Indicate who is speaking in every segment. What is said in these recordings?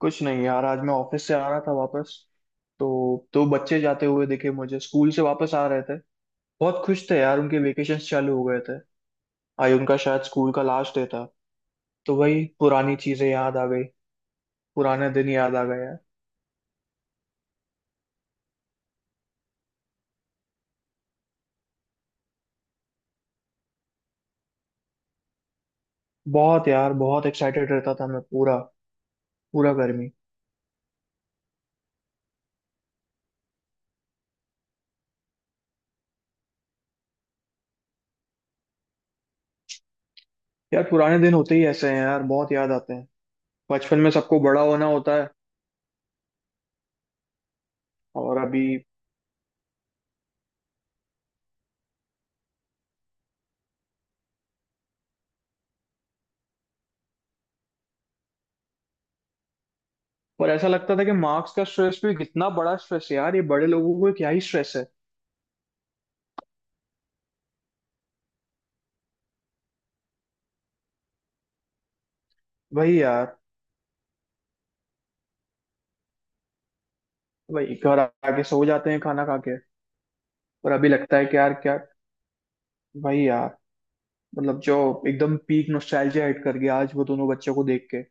Speaker 1: कुछ नहीं यार, आज मैं ऑफिस से आ रहा था वापस, तो दो बच्चे जाते हुए दिखे मुझे, स्कूल से वापस आ रहे थे। बहुत खुश थे यार, उनके वेकेशन चालू हो गए थे। आज उनका शायद स्कूल का लास्ट डे था। तो वही पुरानी चीजें याद आ गई पुराने दिन याद आ गए यार। बहुत यार, बहुत एक्साइटेड रहता था मैं पूरा। पूरा गर्मी। यार पुराने दिन होते ही ऐसे हैं यार, बहुत याद आते हैं। बचपन में सबको बड़ा होना होता है। और अभी, पर ऐसा लगता था कि मार्क्स का स्ट्रेस भी कितना बड़ा स्ट्रेस है यार, ये बड़े लोगों को क्या ही स्ट्रेस है। वही यार, भाई घर आके सो जाते हैं खाना खा के। पर अभी लगता है कि यार क्या, भाई यार, मतलब जो, एकदम पीक नोस्टैल्जिया हिट कर गया आज वो दोनों बच्चों को देख के।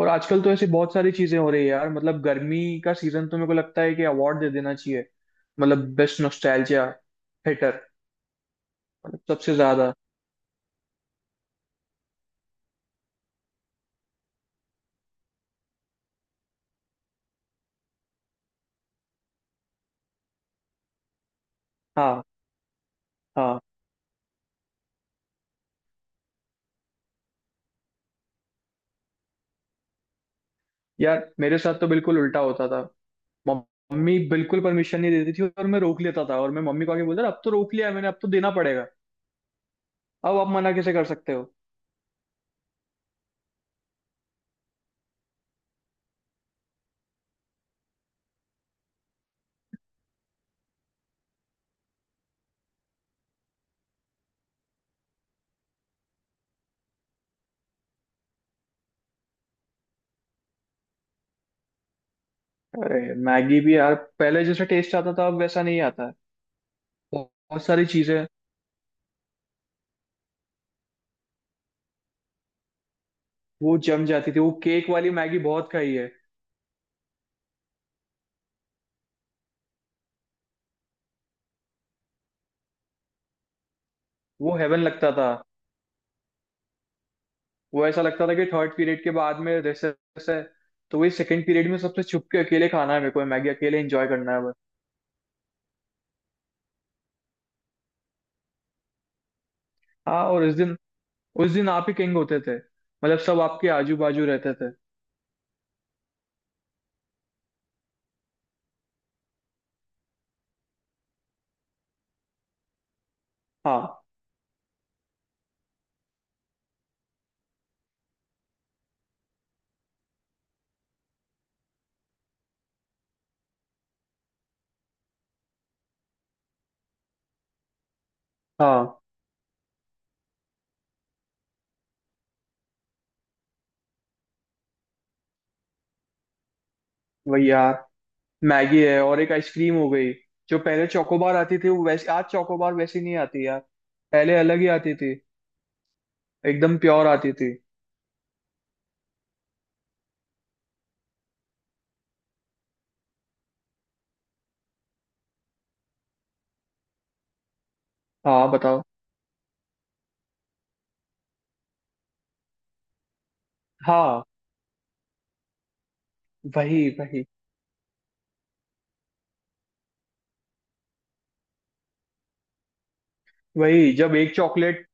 Speaker 1: और आजकल तो ऐसी बहुत सारी चीजें हो रही है यार, मतलब गर्मी का सीजन, तो मेरे को लगता है कि अवार्ड दे देना चाहिए, मतलब बेस्ट नोस्टैल्जिया हिटर। मतलब सबसे ज्यादा। हाँ, हाँ। यार मेरे साथ तो बिल्कुल उल्टा होता था। मम्मी बिल्कुल परमिशन नहीं देती थी और मैं रोक लेता था, और मैं मम्मी को आके बोलता था, अब तो रोक लिया मैंने, अब तो देना पड़ेगा। अब आप मना कैसे कर सकते हो। अरे, मैगी भी यार, पहले जैसा टेस्ट आता था अब वैसा नहीं आता है। बहुत सारी चीजें। वो जम जाती थी, वो केक वाली मैगी बहुत खाई है। वो हेवन लगता था। वो ऐसा लगता था कि थर्ड पीरियड के बाद में रेसेस है, तो वही सेकंड पीरियड में सबसे छुप के अकेले खाना है, मेरे को मैगी अकेले एंजॉय करना है बस। हाँ, और उस दिन, उस दिन आप ही किंग होते थे, मतलब सब आपके आजू बाजू रहते थे। हाँ, हाँ। वही यार, मैगी है और एक आइसक्रीम हो गई। जो पहले चोकोबार आती थी वो, वैसे आज चोकोबार वैसी नहीं आती यार। पहले अलग ही आती थी। एकदम प्योर आती थी। हाँ, बताओ। हाँ, वही वही वही। जब एक चॉकलेट,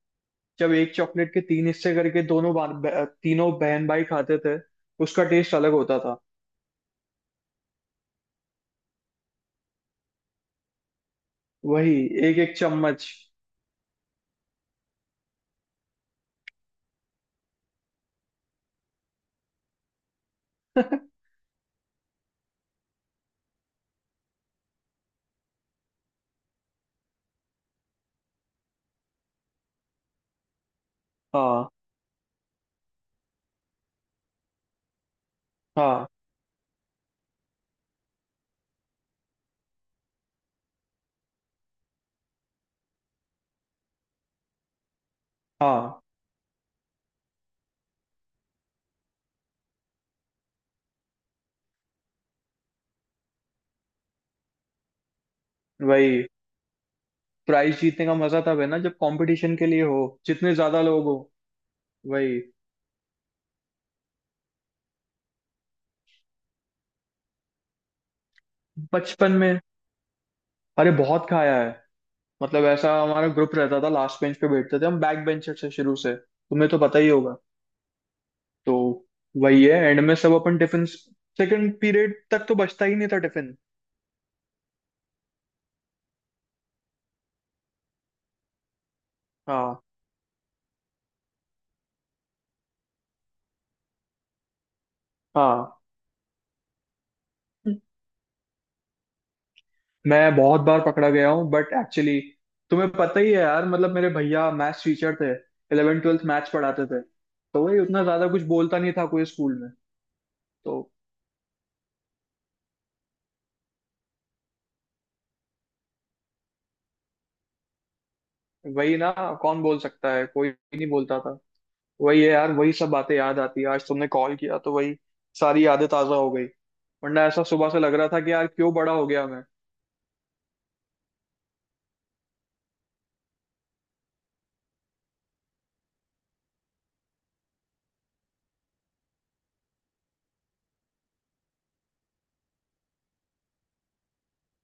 Speaker 1: जब एक चॉकलेट के तीन हिस्से करके दोनों तीनों बहन भाई खाते थे, उसका टेस्ट अलग होता था। वही एक एक चम्मच। हाँ। हाँ, हाँ। वही, प्राइज जीतने का मजा तब है ना, जब कंपटीशन के लिए हो। जितने ज्यादा लोग हो वही। बचपन में, अरे बहुत खाया है। मतलब ऐसा हमारा ग्रुप रहता था, लास्ट बेंच पे बैठते थे हम, बैक बेंचर से शुरू से, तुम्हें तो पता ही होगा। तो वही है, एंड में सब अपन टिफिन, सेकंड पीरियड तक तो बचता ही नहीं था टिफिन। हाँ, हाँ। मैं बहुत बार पकड़ा गया हूँ, बट एक्चुअली तुम्हें पता ही है यार, मतलब मेरे भैया मैथ्स टीचर थे। 11 ट्वेल्थ मैथ्स पढ़ाते थे। तो वही, उतना ज्यादा कुछ बोलता नहीं था कोई स्कूल में। तो वही ना, कौन बोल सकता है, कोई नहीं बोलता था। वही है यार, वही सब बातें याद आती है आज तुमने कॉल किया तो वही सारी यादें ताजा हो गई वरना ऐसा सुबह से लग रहा था कि यार क्यों बड़ा हो गया मैं।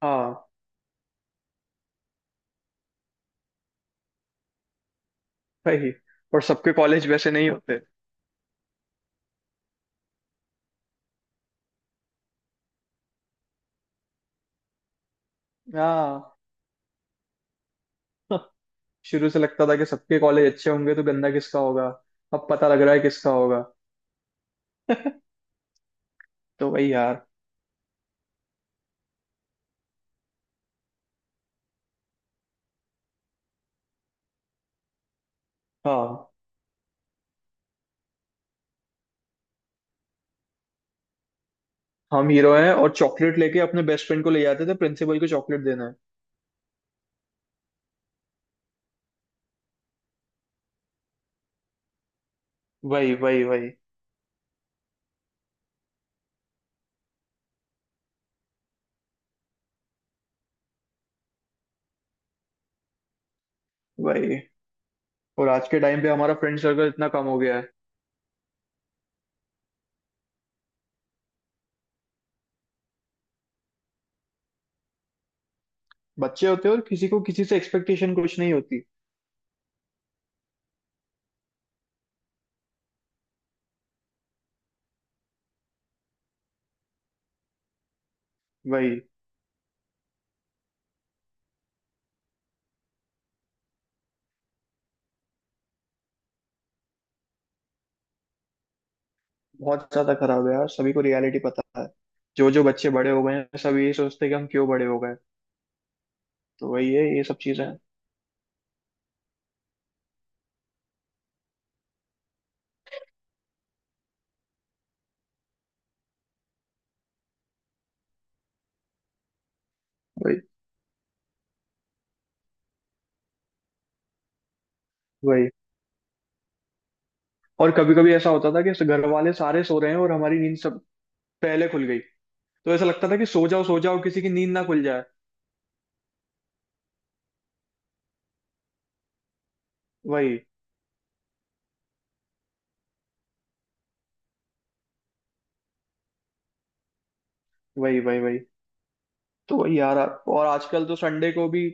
Speaker 1: हाँ। भाई, और सबके कॉलेज वैसे नहीं होते। हाँ। शुरू से लगता था कि सबके कॉलेज अच्छे होंगे, तो गंदा किसका होगा। अब पता लग रहा है किसका होगा। तो वही यार। हाँ, हम हीरो हैं, और चॉकलेट लेके अपने बेस्ट फ्रेंड को ले जाते थे, प्रिंसिपल को चॉकलेट देना है। वही वही वही। वही, और आज के टाइम पे हमारा फ्रेंड सर्कल इतना कम हो गया है। बच्चे होते हैं, और किसी को किसी से एक्सपेक्टेशन कुछ नहीं होती। वही, बहुत ज्यादा खराब है यार, सभी को रियलिटी पता है। जो जो बच्चे बड़े हो गए हैं सब यही सोचते हैं कि हम क्यों बड़े हो गए। तो वही है, ये सब चीजें हैं। वही वही। और कभी कभी ऐसा होता था कि ऐसे घर वाले सारे सो रहे हैं और हमारी नींद सब पहले खुल गई। तो ऐसा लगता था कि सो जाओ सो जाओ, किसी की नींद ना खुल जाए। वही वही वही। वही, तो वही यार, और आजकल तो संडे को भी।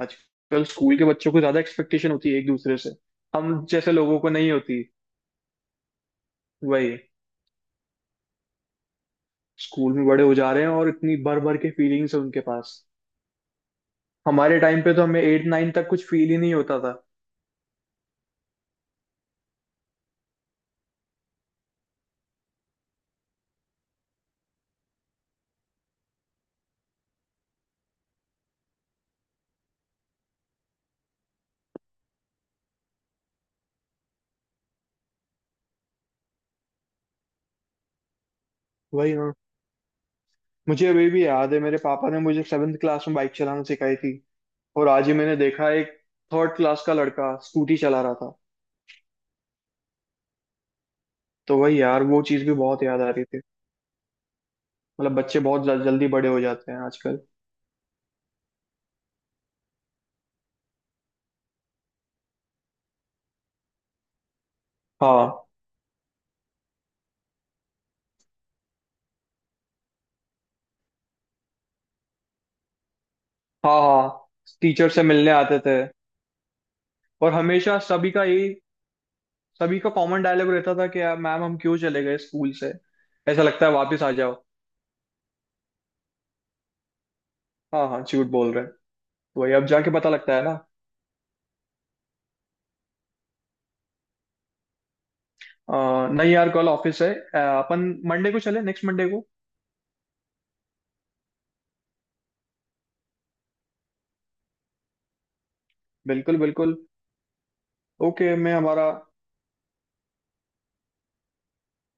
Speaker 1: आजकल स्कूल के बच्चों को ज्यादा एक्सपेक्टेशन होती है एक दूसरे से। हम जैसे लोगों को नहीं होती। वही, स्कूल में बड़े हो जा रहे हैं और इतनी भर भर के फीलिंग्स है उनके पास। हमारे टाइम पे तो हमें एट नाइन तक कुछ फील ही नहीं होता था। वही ना। मुझे अभी भी याद है, मेरे पापा ने मुझे सेवेंथ क्लास में बाइक चलाना सिखाई थी। और आज ही मैंने देखा, एक थर्ड क्लास का लड़का स्कूटी चला रहा था। तो वही यार, वो चीज़ भी बहुत याद आ रही थी। मतलब बच्चे बहुत जल्दी बड़े हो जाते हैं आजकल। हाँ, हाँ, हाँ। टीचर से मिलने आते थे। और हमेशा सभी का यही, सभी का कॉमन डायलॉग रहता था कि यार मैम हम क्यों चले गए स्कूल से। ऐसा लगता है वापस आ जाओ। हाँ, हाँ, झूठ बोल रहे हैं। वही अब जाके पता लगता है ना। नहीं यार, कल ऑफिस है। अपन मंडे को चले नेक्स्ट मंडे को। बिल्कुल बिल्कुल। ओके, मैं हमारा,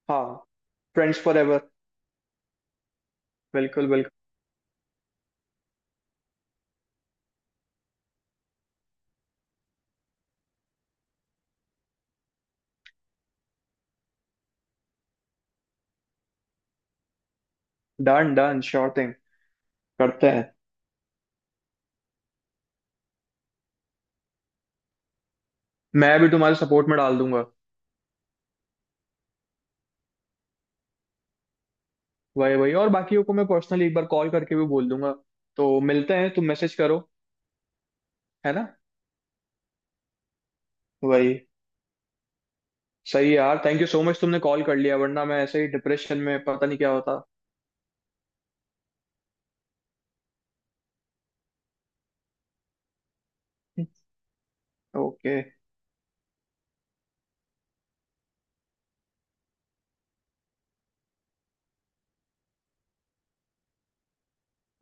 Speaker 1: हाँ फ्रेंड्स फॉर एवर। बिल्कुल बिल्कुल। Done done, sure thing. करते हैं, मैं भी तुम्हारे सपोर्ट में डाल दूंगा। वही वही, और बाकियों को मैं पर्सनली एक बार कॉल करके भी बोल दूंगा। तो मिलते हैं, तुम मैसेज करो, है ना। वही, सही है यार, थैंक यू सो मच, तुमने कॉल कर लिया, वरना मैं ऐसे ही डिप्रेशन में पता नहीं क्या होता। ओके।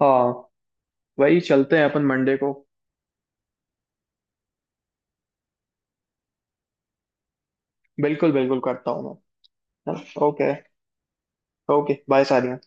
Speaker 1: हाँ, वही, चलते हैं अपन मंडे को। बिल्कुल बिल्कुल, करता हूँ मैं। ओके। ओके बाय सारिया।